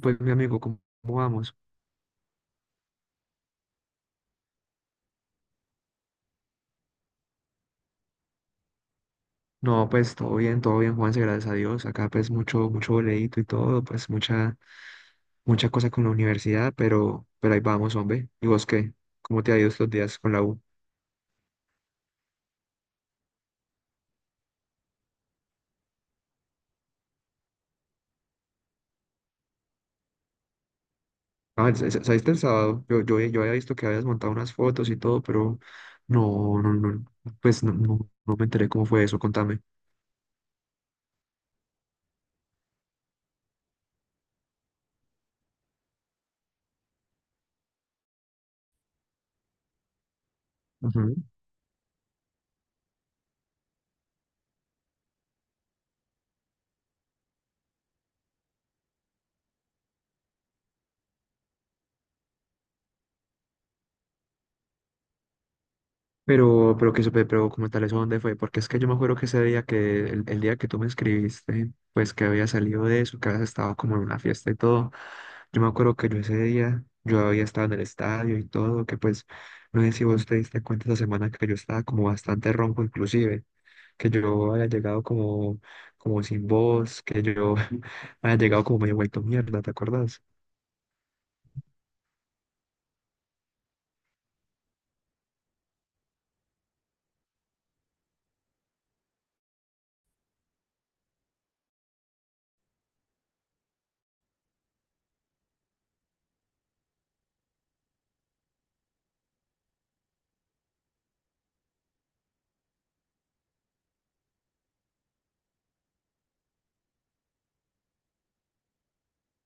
Pues mi amigo, ¿cómo vamos? No, pues todo bien, Juanse, gracias a Dios. Acá pues mucho, mucho boleíto y todo, pues mucha, mucha cosa con la universidad, pero ahí vamos, hombre. ¿Y vos qué? ¿Cómo te ha ido estos días con la U? Ah, saliste el sábado. Yo había visto que habías montado unas fotos y todo, pero no, no, no, pues no, no, no me enteré cómo fue eso, contame. Pero que supe, pero como tal, ¿eso dónde fue? Porque es que yo me acuerdo que ese día que, el día que tú me escribiste, pues que había salido de eso, que habías estado como en una fiesta y todo, yo me acuerdo que yo ese día, yo había estado en el estadio y todo, que pues, no sé si vos te diste cuenta esa semana que yo estaba como bastante ronco inclusive, que yo había llegado como, como sin voz, que yo había llegado como medio vuelto mierda, ¿te acuerdas?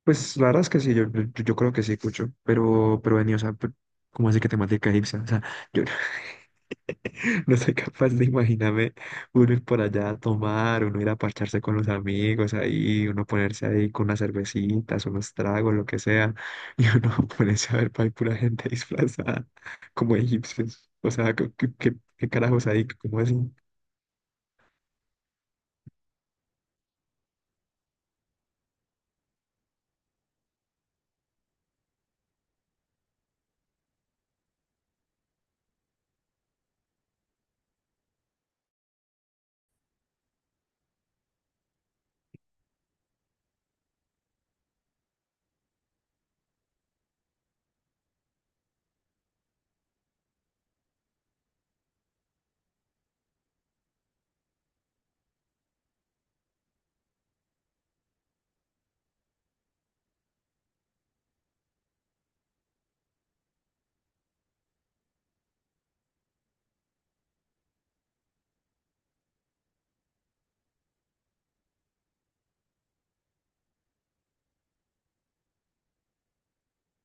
Pues la verdad es que sí, yo creo que sí, Cucho, pero venía, o sea, como así que temática egipcia, o sea, yo, no soy capaz de imaginarme uno ir por allá a tomar, uno ir a parcharse con los amigos ahí, uno ponerse ahí con unas cervecitas, unos tragos, lo que sea, y uno ponerse a ver para pura gente disfrazada como egipcios. O sea, ¿qué, qué, qué carajos ahí? ¿Cómo así?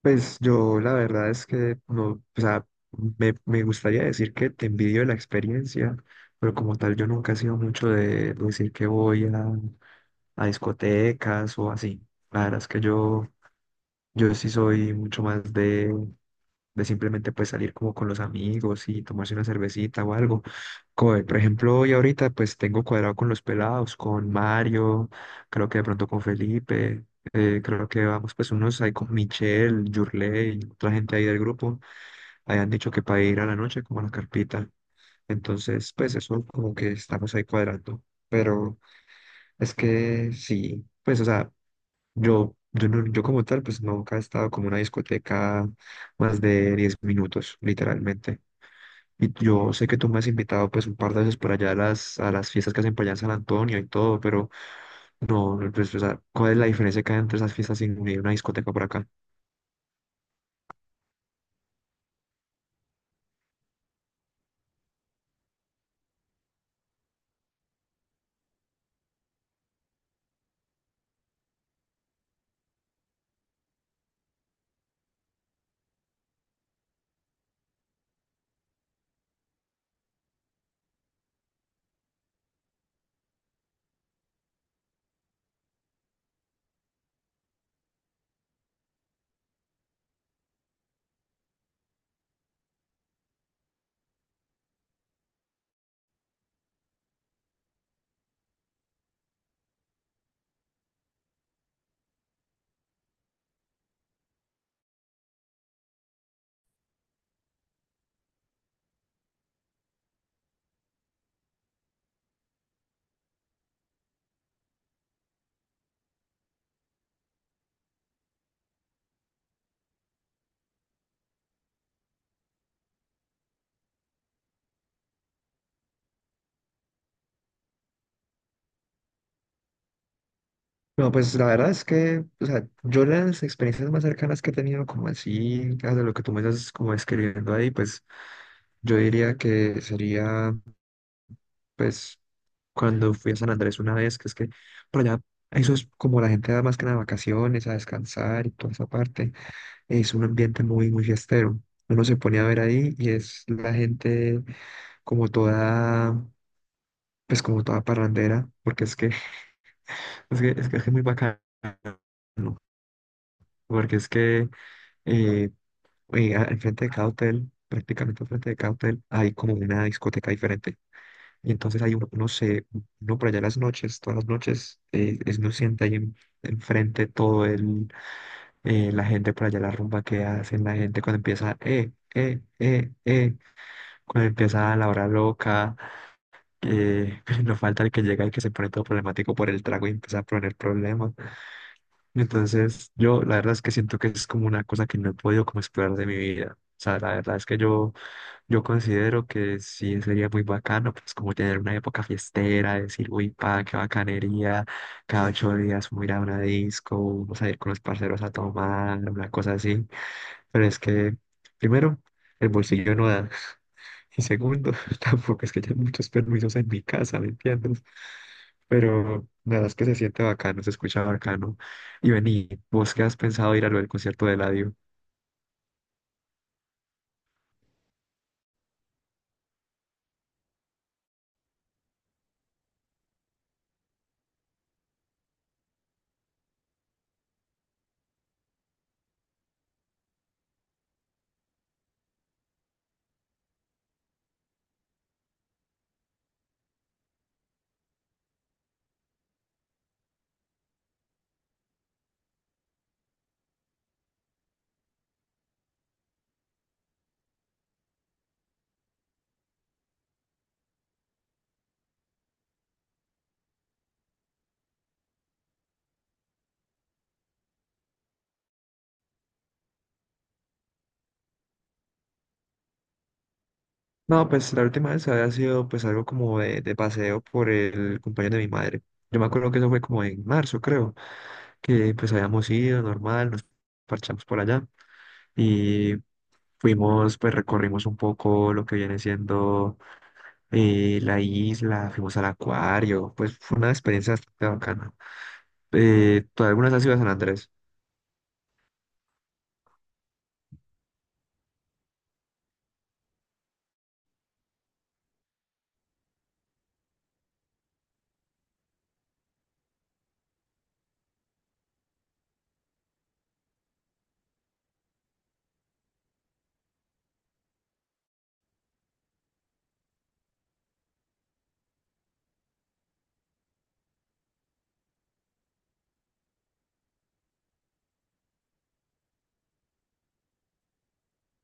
Pues yo la verdad es que no, o sea, me gustaría decir que te envidio de la experiencia, pero como tal yo nunca he sido mucho de decir que voy a discotecas o así. La verdad es que yo... Yo sí soy mucho más de simplemente pues salir como con los amigos y tomarse una cervecita o algo. Como por ejemplo, hoy ahorita pues tengo cuadrado con los pelados, con Mario, creo que de pronto con Felipe, creo que vamos pues unos ahí con Michelle, Yurley, otra gente ahí del grupo, hayan dicho que para ir a la noche como a la carpita. Entonces pues eso como que estamos ahí cuadrando. Pero es que sí, pues o sea... Yo, yo como tal, pues nunca he estado como en una discoteca más de 10 minutos, literalmente. Y yo sé que tú me has invitado pues un par de veces por allá a las fiestas que hacen por allá en San Antonio y todo, pero no, no, pues, o sea, ¿cuál es la diferencia que hay entre esas fiestas y una discoteca por acá? No, pues la verdad es que, o sea, yo las experiencias más cercanas que he tenido, como así, de lo que tú me estás como describiendo ahí, pues yo diría que sería pues cuando fui a San Andrés una vez, que es que por allá, eso es como la gente da más que nada vacaciones, a descansar y toda esa parte, es un ambiente muy, muy fiestero. Uno se pone a ver ahí y es la gente como toda, pues como toda parrandera, porque es que es que es, que es muy bacano, porque es que eh, al frente de cada hotel, prácticamente al frente de cada hotel, hay como una discoteca diferente. Y entonces ahí uno, uno por allá en las noches, todas las noches, es uno siente ahí enfrente todo el, la gente por allá, la rumba que hacen, la gente cuando empieza la hora loca, eh, no falta el que llega y que se pone todo problemático por el trago y empieza a poner problemas. Entonces yo la verdad es que siento que es como una cosa que no he podido como explorar de mi vida. O sea, la verdad es que yo considero que sí sería muy bacano, pues como tener una época fiestera, decir, uy, pa, qué bacanería, cada 8 días vamos a ir a una disco, vamos a ir con los parceros a tomar, una cosa así. Pero es que, primero, el bolsillo no da, y segundo, tampoco es que haya muchos permisos en mi casa, ¿me entiendes? Pero nada, es que se siente bacano, se escucha bacano. Y vení, ¿vos qué has pensado ir a lo del concierto de la... No, pues la última vez había sido pues algo como de paseo por el compañero de mi madre. Yo me acuerdo que eso fue como en marzo, creo, que pues habíamos ido normal, nos parchamos por allá y fuimos, pues recorrimos un poco lo que viene siendo la isla, fuimos al acuario, pues fue una experiencia bastante bacana. Algunas han sido a San Andrés,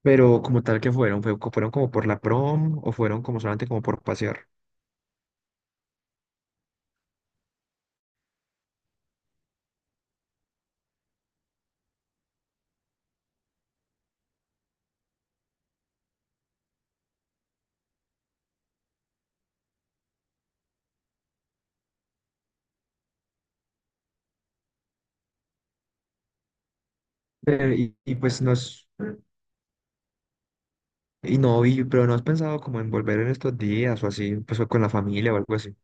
pero como tal que fueron, fue, fueron como por la prom o fueron como solamente como por pasear. Pues nos, pero no has pensado como en volver en estos días o así, pues o con la familia o algo así.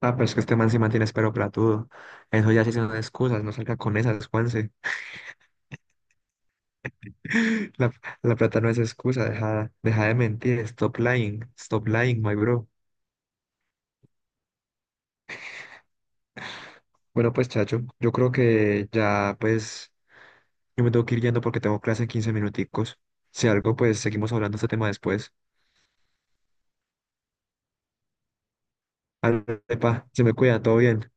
Ah, pero es que este man se mantiene espero platudo. Eso ya sí son excusas, no salga con esas, Juanse. La, la plata no es excusa, deja de mentir, stop lying, my bro. Bueno, pues chacho, yo creo que ya pues yo me tengo que ir yendo porque tengo clase en 15 minuticos. Si algo, pues seguimos hablando de este tema después. Ale, pa, se me cuida, todo bien.